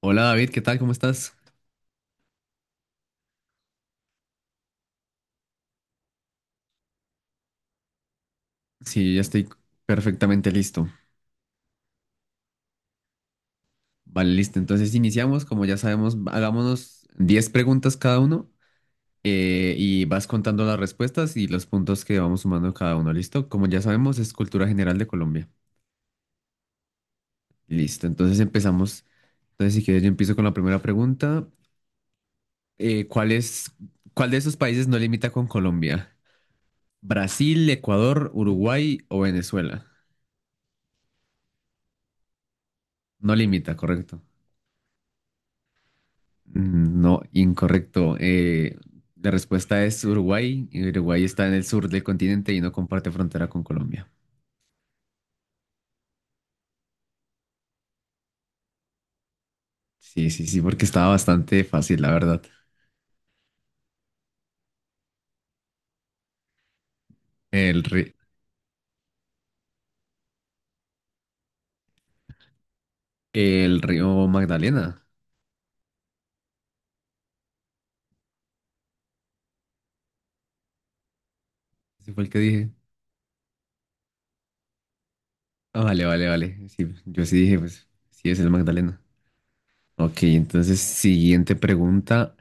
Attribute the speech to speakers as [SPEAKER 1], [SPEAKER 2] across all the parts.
[SPEAKER 1] Hola David, ¿qué tal? ¿Cómo estás? Sí, ya estoy perfectamente listo. Vale, listo. Entonces iniciamos, como ya sabemos, hagámonos 10 preguntas cada uno y vas contando las respuestas y los puntos que vamos sumando cada uno. ¿Listo? Como ya sabemos, es cultura general de Colombia. Listo, entonces empezamos. Entonces, si quieres, yo empiezo con la primera pregunta. Eh, ¿cuál es, Cuál de esos países no limita con Colombia? ¿Brasil, Ecuador, Uruguay o Venezuela? No limita, correcto. No, incorrecto. La respuesta es Uruguay. Y Uruguay está en el sur del continente y no comparte frontera con Colombia. Sí, sí, sí, porque estaba bastante fácil, la verdad. El, ri- el río Magdalena. Ese fue el que dije. Ah, vale, vale, vale. Sí, yo sí dije, pues sí es el Magdalena. Ok, entonces, siguiente pregunta.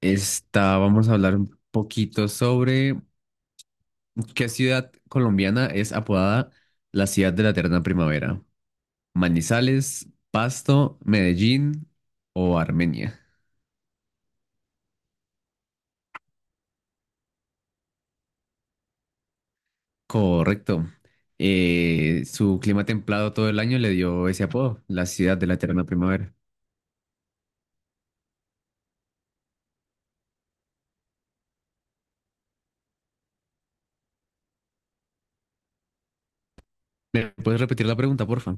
[SPEAKER 1] Esta, vamos a hablar un poquito sobre qué ciudad colombiana es apodada la ciudad de la eterna primavera. Manizales, Pasto, Medellín o Armenia. Correcto. Su clima templado todo el año le dio ese apodo, la ciudad de la eterna primavera. ¿Me puedes repetir la pregunta, porfa?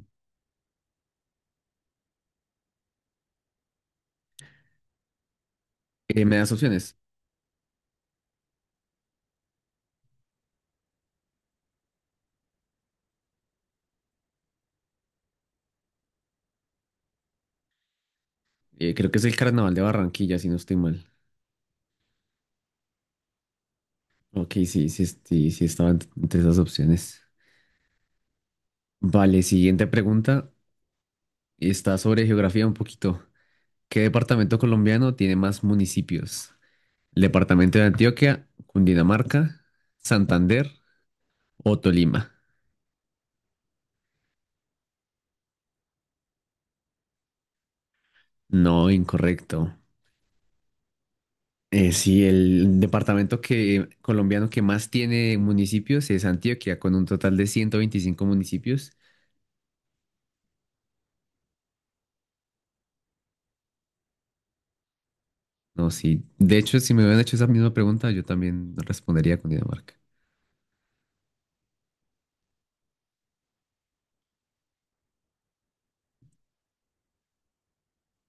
[SPEAKER 1] ¿Me das opciones? Creo que es el Carnaval de Barranquilla, si no estoy mal. Ok, sí, sí, sí, sí estaba entre esas opciones. Vale, siguiente pregunta. Está sobre geografía un poquito. ¿Qué departamento colombiano tiene más municipios? El departamento de Antioquia, Cundinamarca, Santander o Tolima. No, incorrecto. Sí, el departamento colombiano que más tiene municipios es Antioquia, con un total de 125 municipios. No, sí. De hecho, si me hubieran hecho esa misma pregunta, yo también respondería Cundinamarca.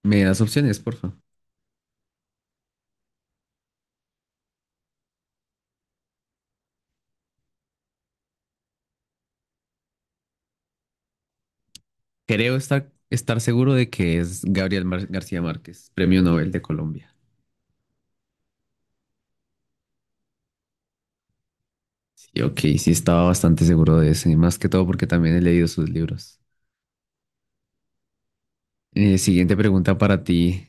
[SPEAKER 1] ¿Me das opciones, porfa? Creo estar seguro de que es Gabriel García Márquez, Premio Nobel de Colombia. Sí, ok, sí estaba bastante seguro de eso, y más que todo porque también he leído sus libros. Siguiente pregunta para ti.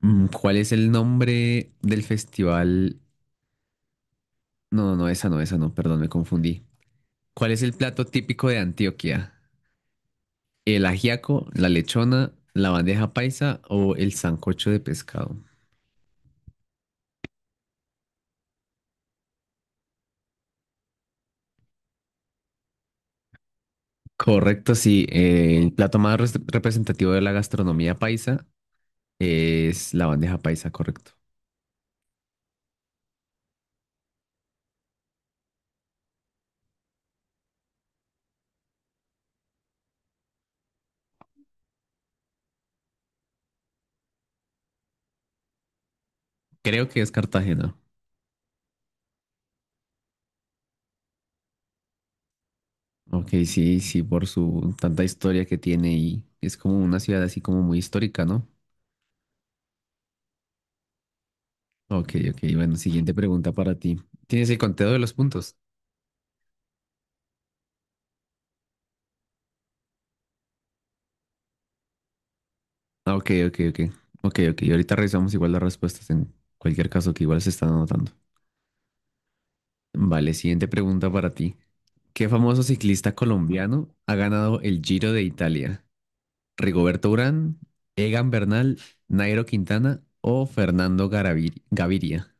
[SPEAKER 1] ¿Cuál es el nombre del festival? No, no, no, esa no, esa no, perdón, me confundí. ¿Cuál es el plato típico de Antioquia? ¿El ajiaco, la lechona, la bandeja paisa o el sancocho de pescado? Correcto, sí. El plato más representativo de la gastronomía paisa es la bandeja paisa, correcto. Creo que es Cartagena. Ok, sí, sí, por su tanta historia que tiene y es como una ciudad así como muy histórica, ¿no? Ok, ok. Bueno, siguiente pregunta para ti. ¿Tienes el conteo de los puntos? Ah, ok, ok, ok. Ok, ok. Ahorita revisamos igual las respuestas en cualquier caso que igual se están anotando. Vale, siguiente pregunta para ti. ¿Qué famoso ciclista colombiano ha ganado el Giro de Italia? ¿Rigoberto Urán, Egan Bernal, Nairo Quintana o Fernando Gaviria?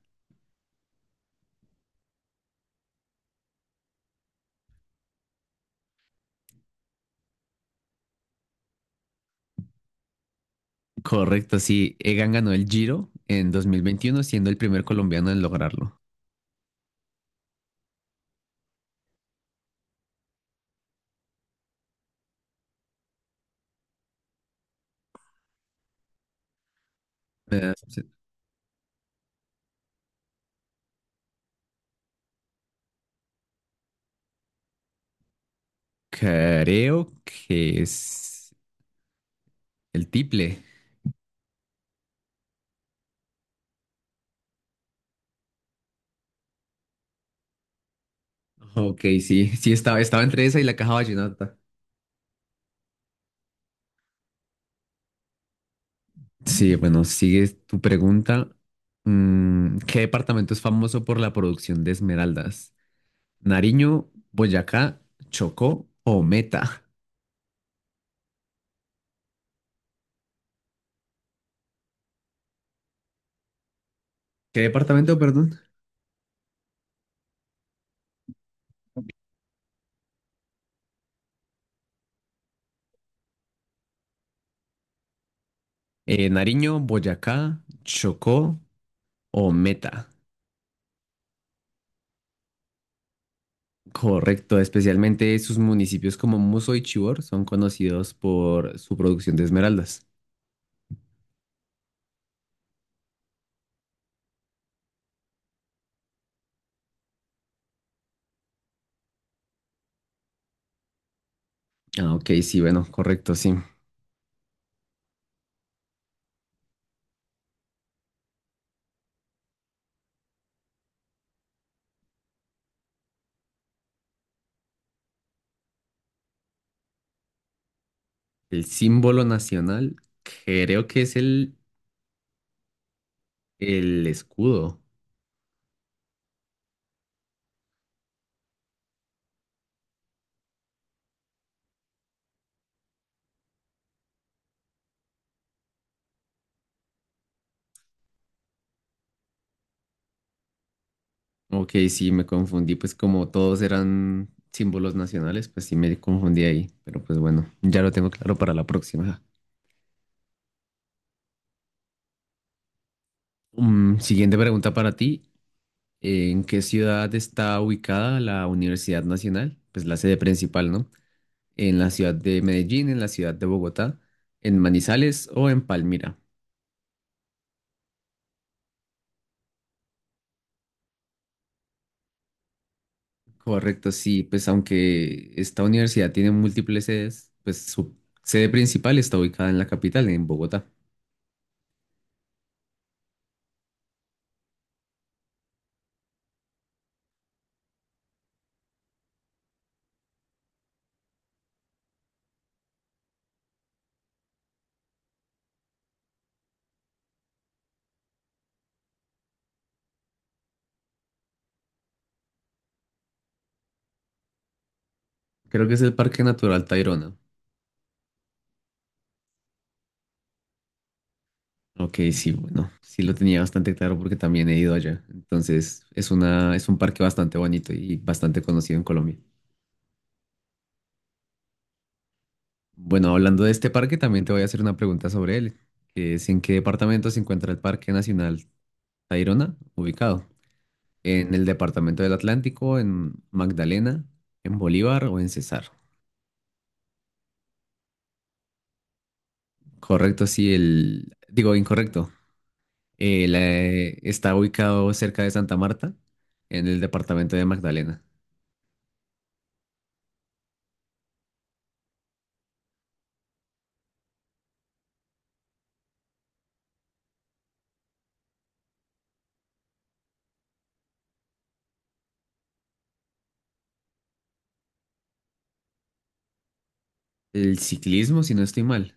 [SPEAKER 1] Correcto, sí, Egan ganó el Giro en 2021, siendo el primer colombiano en lograrlo. Eh, Creo que es el tiple. Ok, sí, sí, estaba entre esa y la caja vallenata. Sí, bueno, sigue tu pregunta. ¿Qué departamento es famoso por la producción de esmeraldas? ¿Nariño, Boyacá, Chocó o Meta? ¿Qué departamento, perdón? Nariño, Boyacá, Chocó o Meta. Correcto, especialmente sus municipios como Muso y Chivor son conocidos por su producción de esmeraldas. Ah, ok, sí, bueno, correcto, sí. El símbolo nacional creo que es el escudo. Ok, sí, me confundí, pues como todos eran símbolos nacionales, pues sí me confundí ahí, pero pues bueno, ya lo tengo claro para la próxima. Siguiente pregunta para ti. ¿En qué ciudad está ubicada la Universidad Nacional? Pues la sede principal, ¿no? ¿En la ciudad de Medellín, en la ciudad de Bogotá, en Manizales o en Palmira? Correcto, sí, pues aunque esta universidad tiene múltiples sedes, pues su sede principal está ubicada en la capital, en Bogotá. Creo que es el Parque Natural Tayrona. Ok, sí, bueno, sí lo tenía bastante claro porque también he ido allá. Entonces, es un parque bastante bonito y bastante conocido en Colombia. Bueno, hablando de este parque, también te voy a hacer una pregunta sobre él, que es ¿en qué departamento se encuentra el Parque Nacional Tayrona ubicado? ¿En el departamento del Atlántico, en Magdalena, en Bolívar o en Cesar? Correcto, sí, el, digo, Incorrecto. Está ubicado cerca de Santa Marta, en el departamento de Magdalena. El ciclismo, si no estoy mal.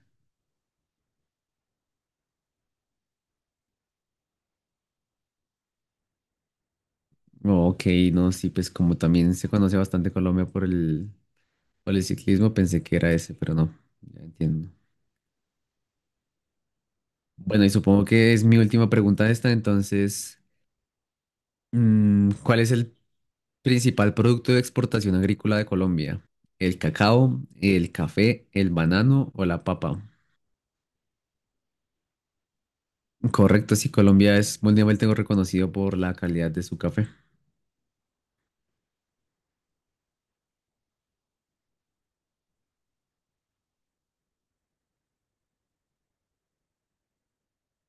[SPEAKER 1] Oh, Ok, no, sí, pues como también se conoce bastante Colombia por el ciclismo, pensé que era ese, pero no, ya entiendo. Bueno, y supongo que es mi última pregunta esta, entonces, ¿cuál es el principal producto de exportación agrícola de Colombia? ¿El cacao, el café, el banano o la papa? Correcto, sí, Colombia es mundialmente reconocido por la calidad de su café.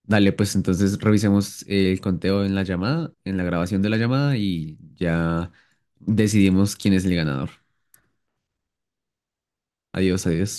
[SPEAKER 1] Dale, pues entonces revisemos el conteo en la llamada, en la grabación de la llamada y ya decidimos quién es el ganador. Adiós, adiós.